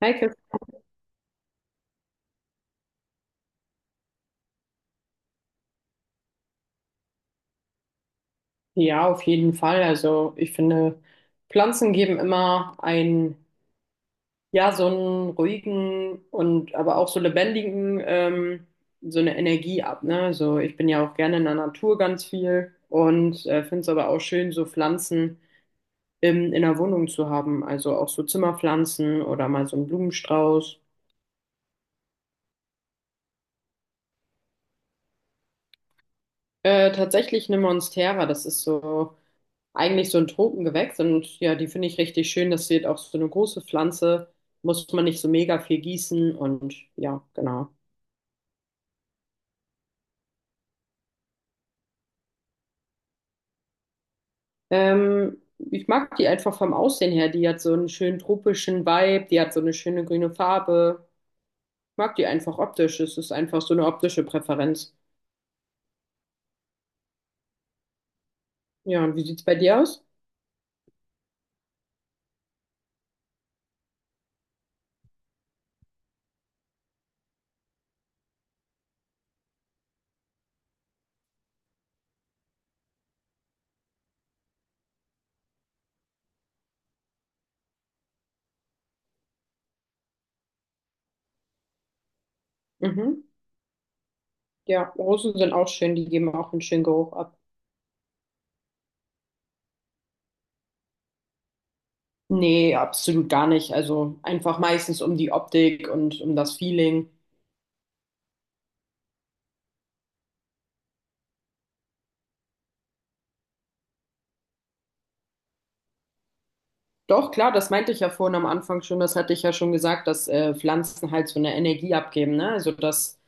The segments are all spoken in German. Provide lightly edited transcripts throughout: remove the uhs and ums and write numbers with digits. Heike? Ja, auf jeden Fall. Also ich finde, Pflanzen geben immer einen, ja, so einen ruhigen und aber auch so lebendigen, so eine Energie ab, ne? Also ich bin ja auch gerne in der Natur ganz viel und finde es aber auch schön, so Pflanzen in der Wohnung zu haben. Also auch so Zimmerpflanzen oder mal so einen Blumenstrauß. Tatsächlich eine Monstera, das ist so eigentlich so ein Tropengewächs, und ja, die finde ich richtig schön. Das wird auch so eine große Pflanze, muss man nicht so mega viel gießen, und ja, genau. Ähm, Ich mag die einfach vom Aussehen her. Die hat so einen schönen tropischen Vibe, die hat so eine schöne grüne Farbe. Ich mag die einfach optisch. Es ist einfach so eine optische Präferenz. Ja, und wie sieht's bei dir aus? Mhm. Ja, Rosen sind auch schön, die geben auch einen schönen Geruch ab. Nee, absolut gar nicht. Also einfach meistens um die Optik und um das Feeling. Doch, klar, das meinte ich ja vorhin am Anfang schon, das hatte ich ja schon gesagt, dass Pflanzen halt so eine Energie abgeben, ne? Also, dass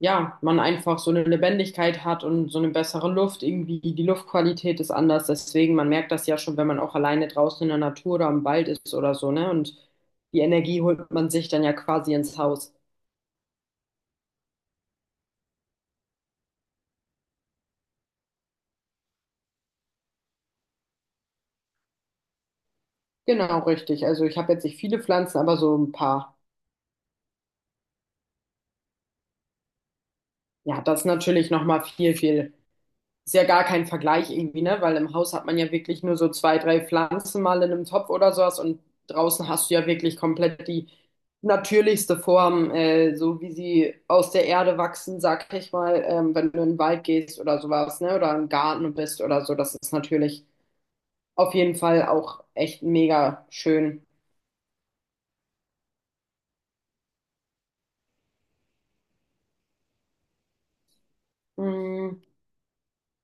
ja, man einfach so eine Lebendigkeit hat und so eine bessere Luft, irgendwie die Luftqualität ist anders, deswegen, man merkt das ja schon, wenn man auch alleine draußen in der Natur oder im Wald ist oder so, ne? Und die Energie holt man sich dann ja quasi ins Haus. Genau, richtig. Also, ich habe jetzt nicht viele Pflanzen, aber so ein paar. Ja, das ist natürlich nochmal viel. Ist ja gar kein Vergleich irgendwie, ne? Weil im Haus hat man ja wirklich nur so zwei, drei Pflanzen mal in einem Topf oder sowas, und draußen hast du ja wirklich komplett die natürlichste Form, so wie sie aus der Erde wachsen, sag ich mal, wenn du in den Wald gehst oder sowas, ne? Oder im Garten bist oder so. Das ist natürlich auf jeden Fall auch echt mega schön. Mm.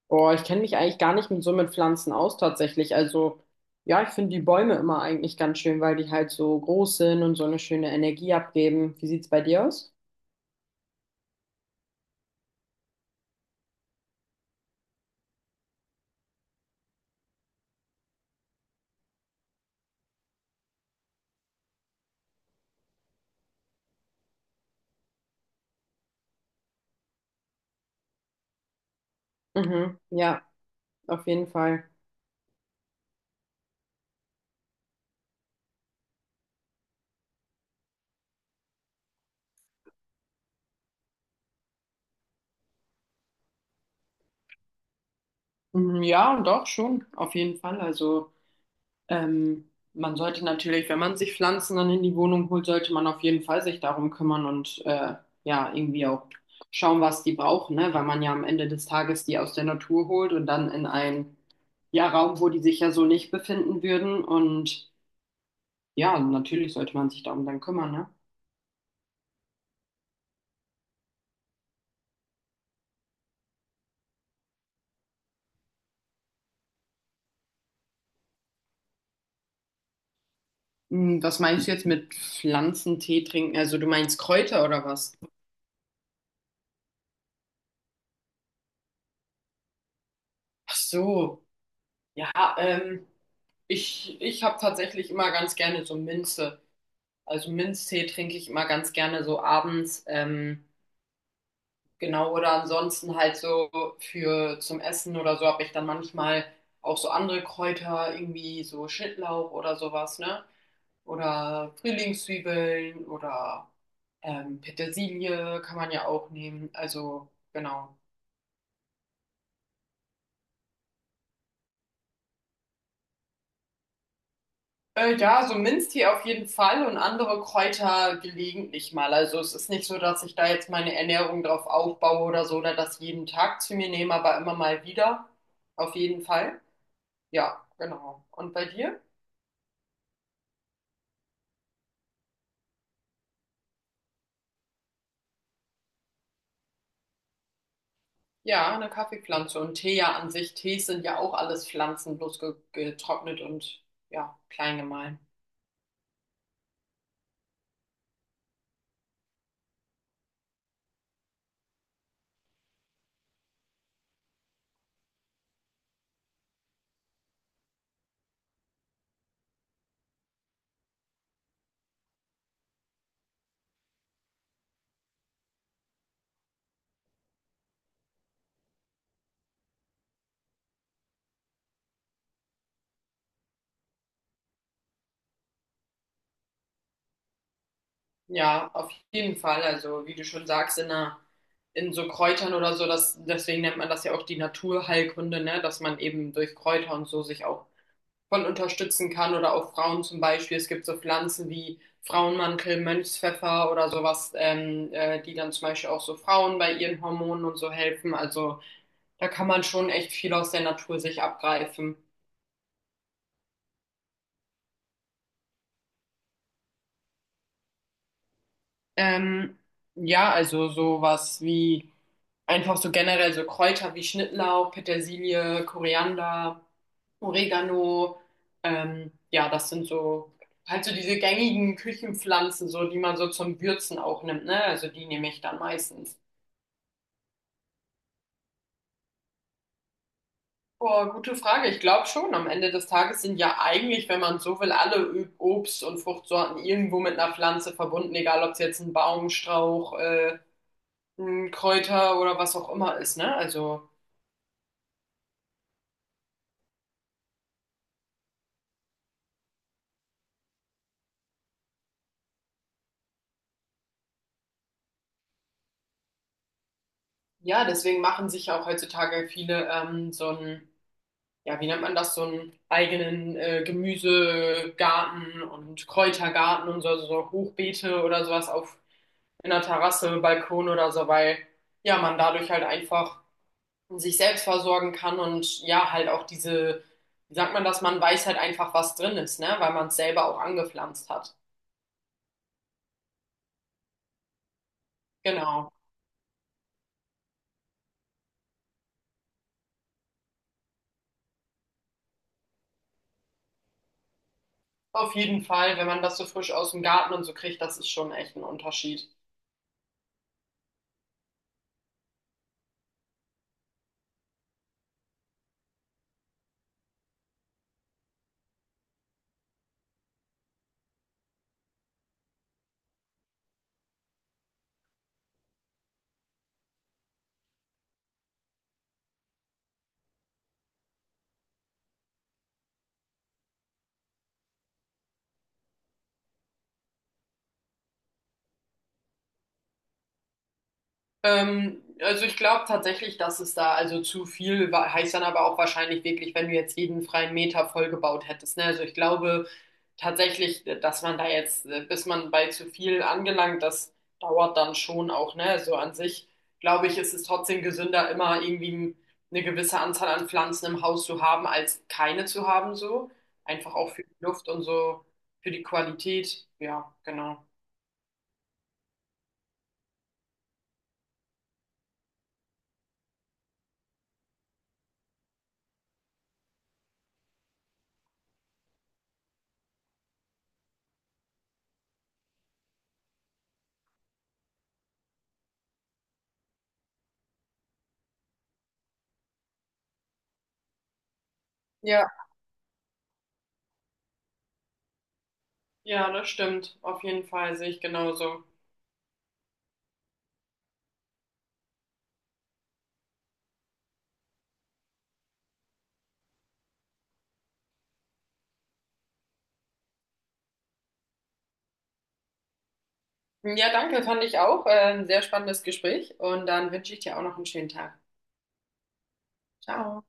Oh, ich kenne mich eigentlich gar nicht mit so mit Pflanzen aus tatsächlich. Also ja, ich finde die Bäume immer eigentlich ganz schön, weil die halt so groß sind und so eine schöne Energie abgeben. Wie sieht's bei dir aus? Mhm, ja, auf jeden Fall. Mhm, ja, doch schon, auf jeden Fall. Also man sollte natürlich, wenn man sich Pflanzen dann in die Wohnung holt, sollte man auf jeden Fall sich darum kümmern und ja, irgendwie auch schauen, was die brauchen, ne? Weil man ja am Ende des Tages die aus der Natur holt und dann in einen ja, Raum, wo die sich ja so nicht befinden würden. Und ja, natürlich sollte man sich darum dann kümmern, ne? Hm, was meinst du jetzt mit Pflanzentee trinken? Also du meinst Kräuter oder was? Ach so, ja, ähm, ich habe tatsächlich immer ganz gerne so Minze. Also Minztee trinke ich immer ganz gerne so abends. Genau, oder ansonsten halt so für zum Essen oder so habe ich dann manchmal auch so andere Kräuter, irgendwie so Schnittlauch oder sowas, ne? Oder Frühlingszwiebeln oder Petersilie kann man ja auch nehmen. Also genau. Ja, so Minztee auf jeden Fall und andere Kräuter gelegentlich mal. Also es ist nicht so, dass ich da jetzt meine Ernährung drauf aufbaue oder so oder das jeden Tag zu mir nehme, aber immer mal wieder. Auf jeden Fall. Ja, genau. Und bei dir? Ja, eine Kaffeepflanze und Tee ja an sich. Tees sind ja auch alles Pflanzen, bloß ge getrocknet und ja, klein gemahlen. Ja, auf jeden Fall. Also, wie du schon sagst, in so Kräutern oder so, das, deswegen nennt man das ja auch die Naturheilkunde, ne? Dass man eben durch Kräuter und so sich auch voll unterstützen kann, oder auch Frauen zum Beispiel. Es gibt so Pflanzen wie Frauenmantel, Mönchspfeffer oder sowas, die dann zum Beispiel auch so Frauen bei ihren Hormonen und so helfen. Also, da kann man schon echt viel aus der Natur sich abgreifen. Ähm, ja, also sowas wie einfach so generell so Kräuter wie Schnittlauch, Petersilie, Koriander, Oregano. Ja, das sind so halt so diese gängigen Küchenpflanzen, so die man so zum Würzen auch nimmt, ne? Also die nehme ich dann meistens. Boah, gute Frage. Ich glaube schon, am Ende des Tages sind ja eigentlich, wenn man so will, alle Obst- und Fruchtsorten irgendwo mit einer Pflanze verbunden, egal ob es jetzt ein Baum, Strauch, ein Kräuter oder was auch immer ist, ne? Also ja, deswegen machen sich ja auch heutzutage viele so einen, ja, wie nennt man das, so einen eigenen Gemüsegarten und Kräutergarten und so, also so Hochbeete oder sowas auf einer Terrasse, Balkon oder so, weil ja, man dadurch halt einfach sich selbst versorgen kann und ja, halt auch diese, wie sagt man das, man weiß halt einfach, was drin ist, ne, weil man es selber auch angepflanzt hat. Genau. Auf jeden Fall, wenn man das so frisch aus dem Garten und so kriegt, das ist schon echt ein Unterschied. Also ich glaube tatsächlich, dass es da, also zu viel war, heißt dann aber auch wahrscheinlich wirklich, wenn du jetzt jeden freien Meter vollgebaut hättest. Ne? Also ich glaube tatsächlich, dass man da jetzt, bis man bei zu viel angelangt, das dauert dann schon auch. Ne? So an sich glaube ich, ist es trotzdem gesünder, immer irgendwie eine gewisse Anzahl an Pflanzen im Haus zu haben, als keine zu haben. So einfach auch für die Luft und so für die Qualität. Ja, genau. Ja. Ja, das stimmt. Auf jeden Fall sehe ich genauso. Ja, danke, fand ich auch. Ein sehr spannendes Gespräch, und dann wünsche ich dir auch noch einen schönen Tag. Ciao.